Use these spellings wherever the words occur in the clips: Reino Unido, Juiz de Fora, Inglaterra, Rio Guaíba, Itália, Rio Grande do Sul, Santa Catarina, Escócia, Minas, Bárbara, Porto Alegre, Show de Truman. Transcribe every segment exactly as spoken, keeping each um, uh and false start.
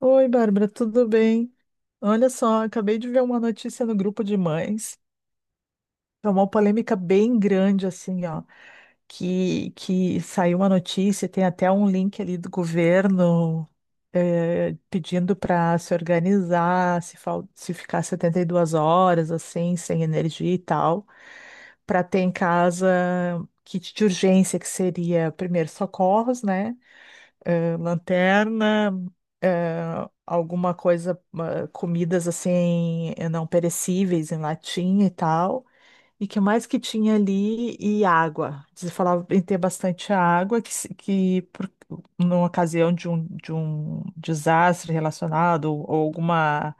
Oi, Bárbara, tudo bem? Olha só, acabei de ver uma notícia no grupo de mães. É uma polêmica bem grande, assim, ó, que, que saiu uma notícia, tem até um link ali do governo, eh, pedindo para se organizar, se, fal- se ficar setenta e duas horas, assim, sem energia e tal, para ter em casa kit de urgência, que seria primeiro socorros, né? Eh, lanterna, eh, alguma coisa, ah, comidas assim, eh, não perecíveis em latinha e tal. E que mais que tinha ali? E água. Eles falavam em ter bastante água, que, se- que por, numa ocasião de um, de um desastre relacionado, ou, ou alguma.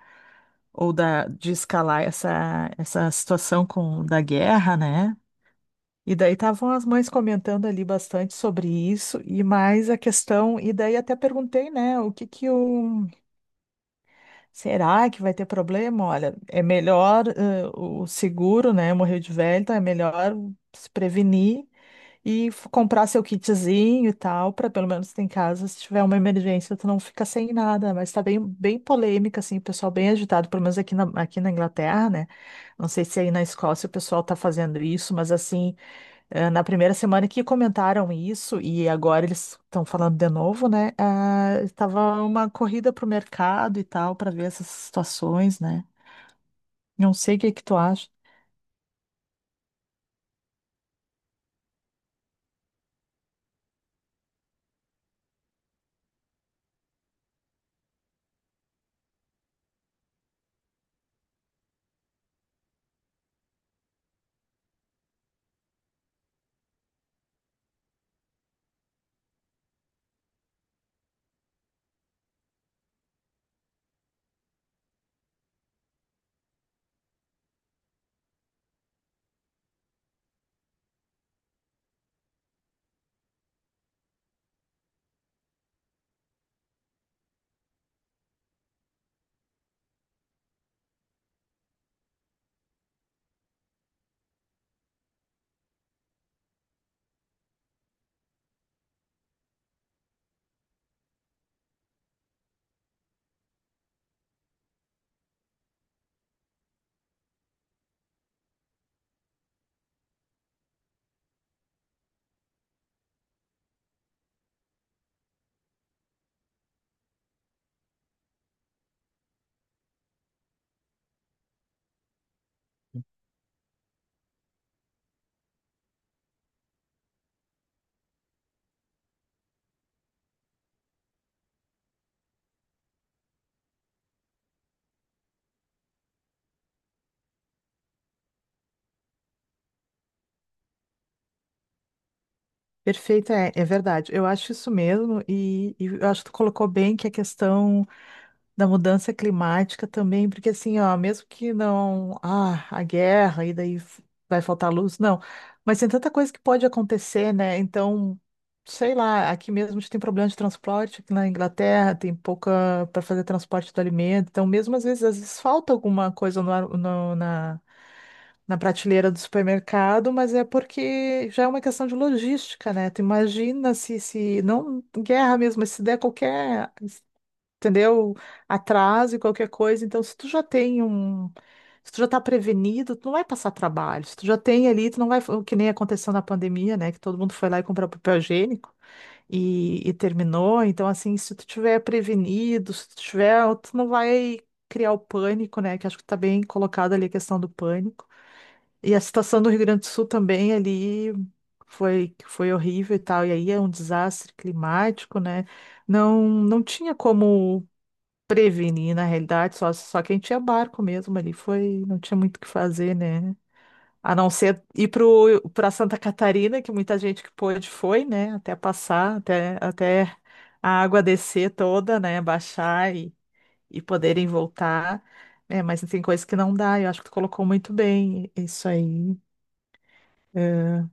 Ou da, de escalar essa, essa situação com, da guerra, né? E daí estavam as mães comentando ali bastante sobre isso e mais a questão, e daí até perguntei, né, o que que o, será que vai ter problema? Olha, é melhor, eh, o seguro, né, morreu de velho, então é melhor se prevenir e f- comprar seu kitzinho e tal, para pelo menos ter em casa, se tiver uma emergência, tu não fica sem nada, mas tá bem bem polêmica assim, o pessoal bem agitado, pelo menos aqui na, aqui na Inglaterra, né? Não sei se aí na Escócia o pessoal tá fazendo isso, mas assim, eh, na primeira semana que comentaram isso, e agora eles estão falando de novo, né? Ah, estava uma corrida pro mercado e tal, para ver essas situações, né? Não sei o que é que tu acha. Perfeito, é, é verdade. Eu acho isso mesmo, e, e eu acho que tu colocou bem que a questão. Da mudança climática também, porque assim, ó, mesmo que não, ah, a guerra e daí f- vai faltar luz, não, mas tem tanta coisa que pode acontecer, né? Então, sei lá, aqui mesmo a gente tem problema de transporte, aqui na Inglaterra tem pouca para fazer transporte do alimento, então mesmo às vezes, às vezes falta alguma coisa no, ar- no- na Na prateleira do supermercado, mas é porque já é uma questão de logística, né? Tu imagina se, se não guerra mesmo, mas se der qualquer, entendeu? Atraso e qualquer coisa. Então, se tu já tem um. Se tu já tá prevenido, tu não vai passar trabalho. Se tu já tem ali, tu não vai. O que nem aconteceu na pandemia, né? Que todo mundo foi lá e comprou papel higiênico e, e terminou. Então, assim, se tu tiver prevenido, se tu tiver. Tu não vai criar o pânico, né? Que acho que tá bem colocada ali a questão do pânico. E a situação do Rio Grande do Sul também ali foi, foi horrível e tal. E aí é um desastre climático, né? Não, não tinha como prevenir, na realidade, só, só quem tinha barco mesmo ali foi, não tinha muito o que fazer, né? A não ser ir pro, pra Santa Catarina, que muita gente que pôde foi, né? Até passar, até, até a água descer toda, né? Baixar e, e poderem voltar. É, mas tem coisas que não dá, eu acho que tu colocou muito bem isso aí. É.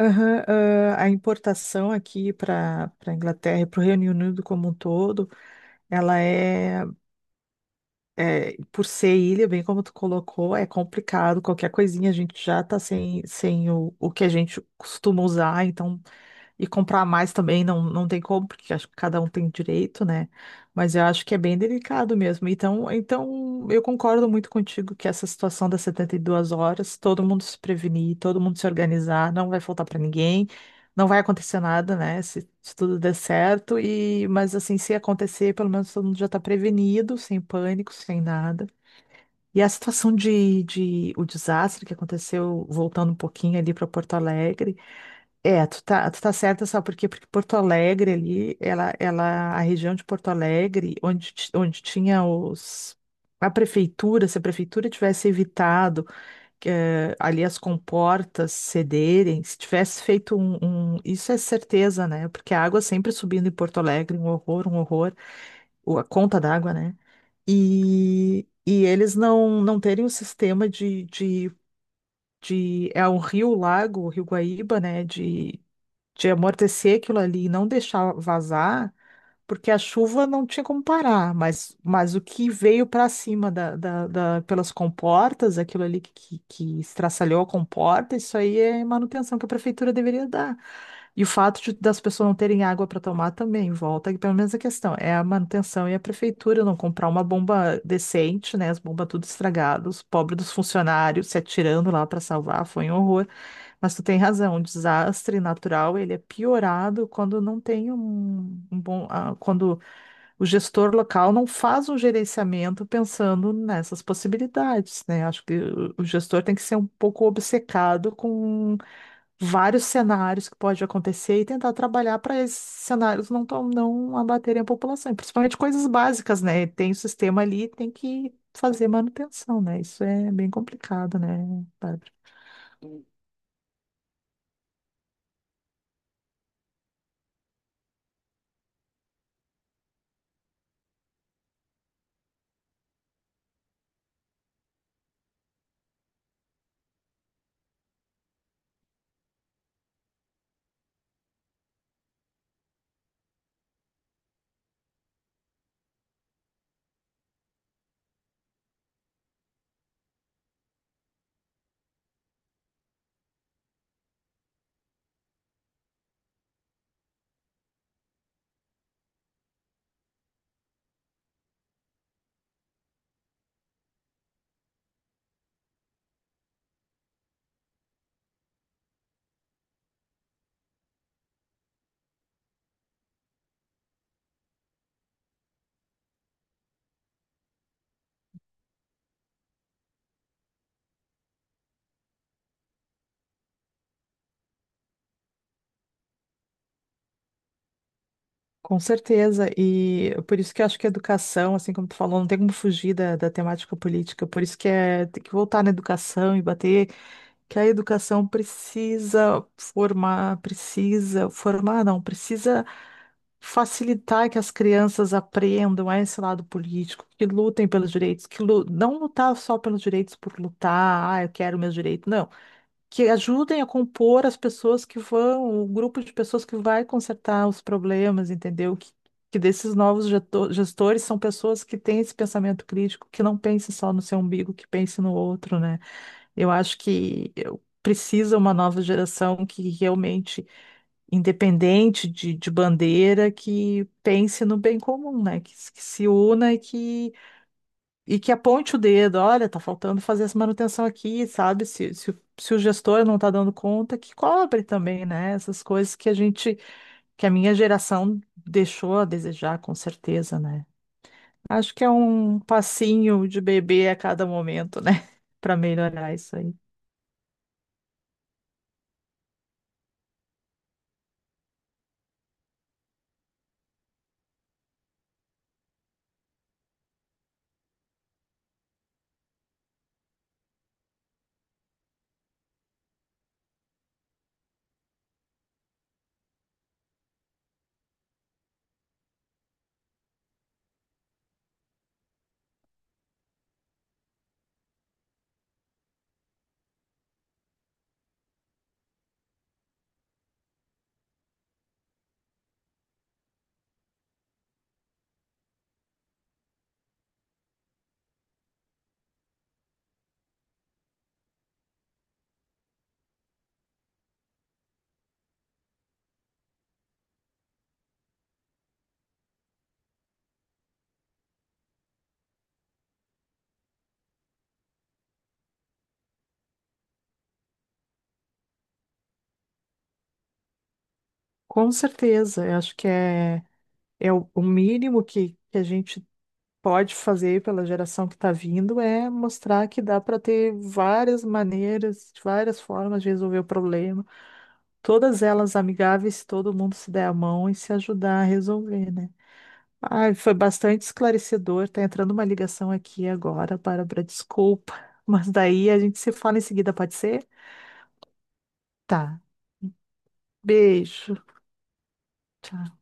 Aham, ah, a importação aqui para para Inglaterra e para o Reino Unido como um todo, ela é. É, por ser ilha, bem como tu colocou, é complicado. Qualquer coisinha a gente já tá sem, sem o, o que a gente costuma usar, então, e comprar mais também não, não tem como, porque acho que cada um tem direito, né? Mas eu acho que é bem delicado mesmo. Então, então eu concordo muito contigo que essa situação das setenta e duas horas, todo mundo se prevenir, todo mundo se organizar, não vai faltar para ninguém. Não vai acontecer nada, né? Se, se tudo der certo. E, mas assim, se acontecer, pelo menos todo mundo já está prevenido, sem pânico, sem nada. E a situação de, de o desastre que aconteceu, voltando um pouquinho ali para Porto Alegre. É, tu tá, tu tá certa, sabe por quê? Porque Porto Alegre ali, ela, ela, a região de Porto Alegre, onde, ti- onde tinha os. A prefeitura, se a prefeitura tivesse evitado, eh, ali as comportas cederem, se tivesse feito um, um- isso é certeza, né? Porque a água sempre subindo em Porto Alegre, um horror, um horror, o- a conta d'água, né? E, e eles não, não terem um sistema de, de, de. É um rio, lago, o Rio Guaíba, né? De amortecer aquilo ali e não deixar vazar, porque a chuva não tinha como parar, mas, mas o que veio para cima da, da, da- pelas comportas, aquilo ali que, que, que estraçalhou a comporta, isso aí é manutenção que a prefeitura deveria dar. E o fato de, das pessoas não terem água para tomar também, volta, que pelo menos a questão é a manutenção e a prefeitura não comprar uma bomba decente, né? As bombas tudo estragadas, os pobres dos funcionários se atirando lá para salvar, foi um horror. Mas tu tem razão, o desastre natural, ele é piorado quando não tem um, um bom, ah, quando o gestor local não faz um gerenciamento pensando nessas possibilidades, né? Acho que o o gestor tem que ser um pouco obcecado com vários cenários que pode acontecer e tentar trabalhar para esses cenários não, tom- não abaterem a população, e principalmente coisas básicas, né? Tem o sistema ali, tem que fazer manutenção, né? Isso é bem complicado, né, Bárbara? Com certeza, e por isso que eu acho que a educação, assim como tu falou, não tem como fugir da, da temática política, por isso que é, tem que voltar na educação e bater que a educação precisa formar, precisa formar, não, precisa facilitar que as crianças aprendam a esse lado político, que lutem pelos direitos, que lu- não lutar só pelos direitos por lutar, ah, eu quero meus direitos, não, que ajudem a compor as pessoas que vão, o grupo de pessoas que vai consertar os problemas, entendeu? Que, que desses novos geto- gestores são pessoas que têm esse pensamento crítico, que não pense só no seu umbigo, que pense no outro, né? Eu acho que eu- precisa uma nova geração que realmente, independente de, de bandeira, que pense no bem comum, né? Que, se- que se una e que e que aponte o dedo, olha, tá faltando fazer essa manutenção aqui, sabe? Se, se, o se o gestor não tá dando conta, que cobre também, né? Essas coisas que a gente, que a minha geração deixou a desejar, com certeza, né? Acho que é um passinho de bebê a cada momento, né? Para melhorar isso aí. Com certeza, eu acho que é, é o o mínimo que, que a gente pode fazer pela geração que está vindo é mostrar que dá para ter várias maneiras, várias formas de resolver o problema. Todas elas amigáveis, se todo mundo se der a mão e se ajudar a resolver, né? Ai, foi bastante esclarecedor. Tá entrando uma ligação aqui agora, Bárbara, desculpa. Mas daí a gente se fala em seguida, pode ser? Tá. Beijo. Tchau.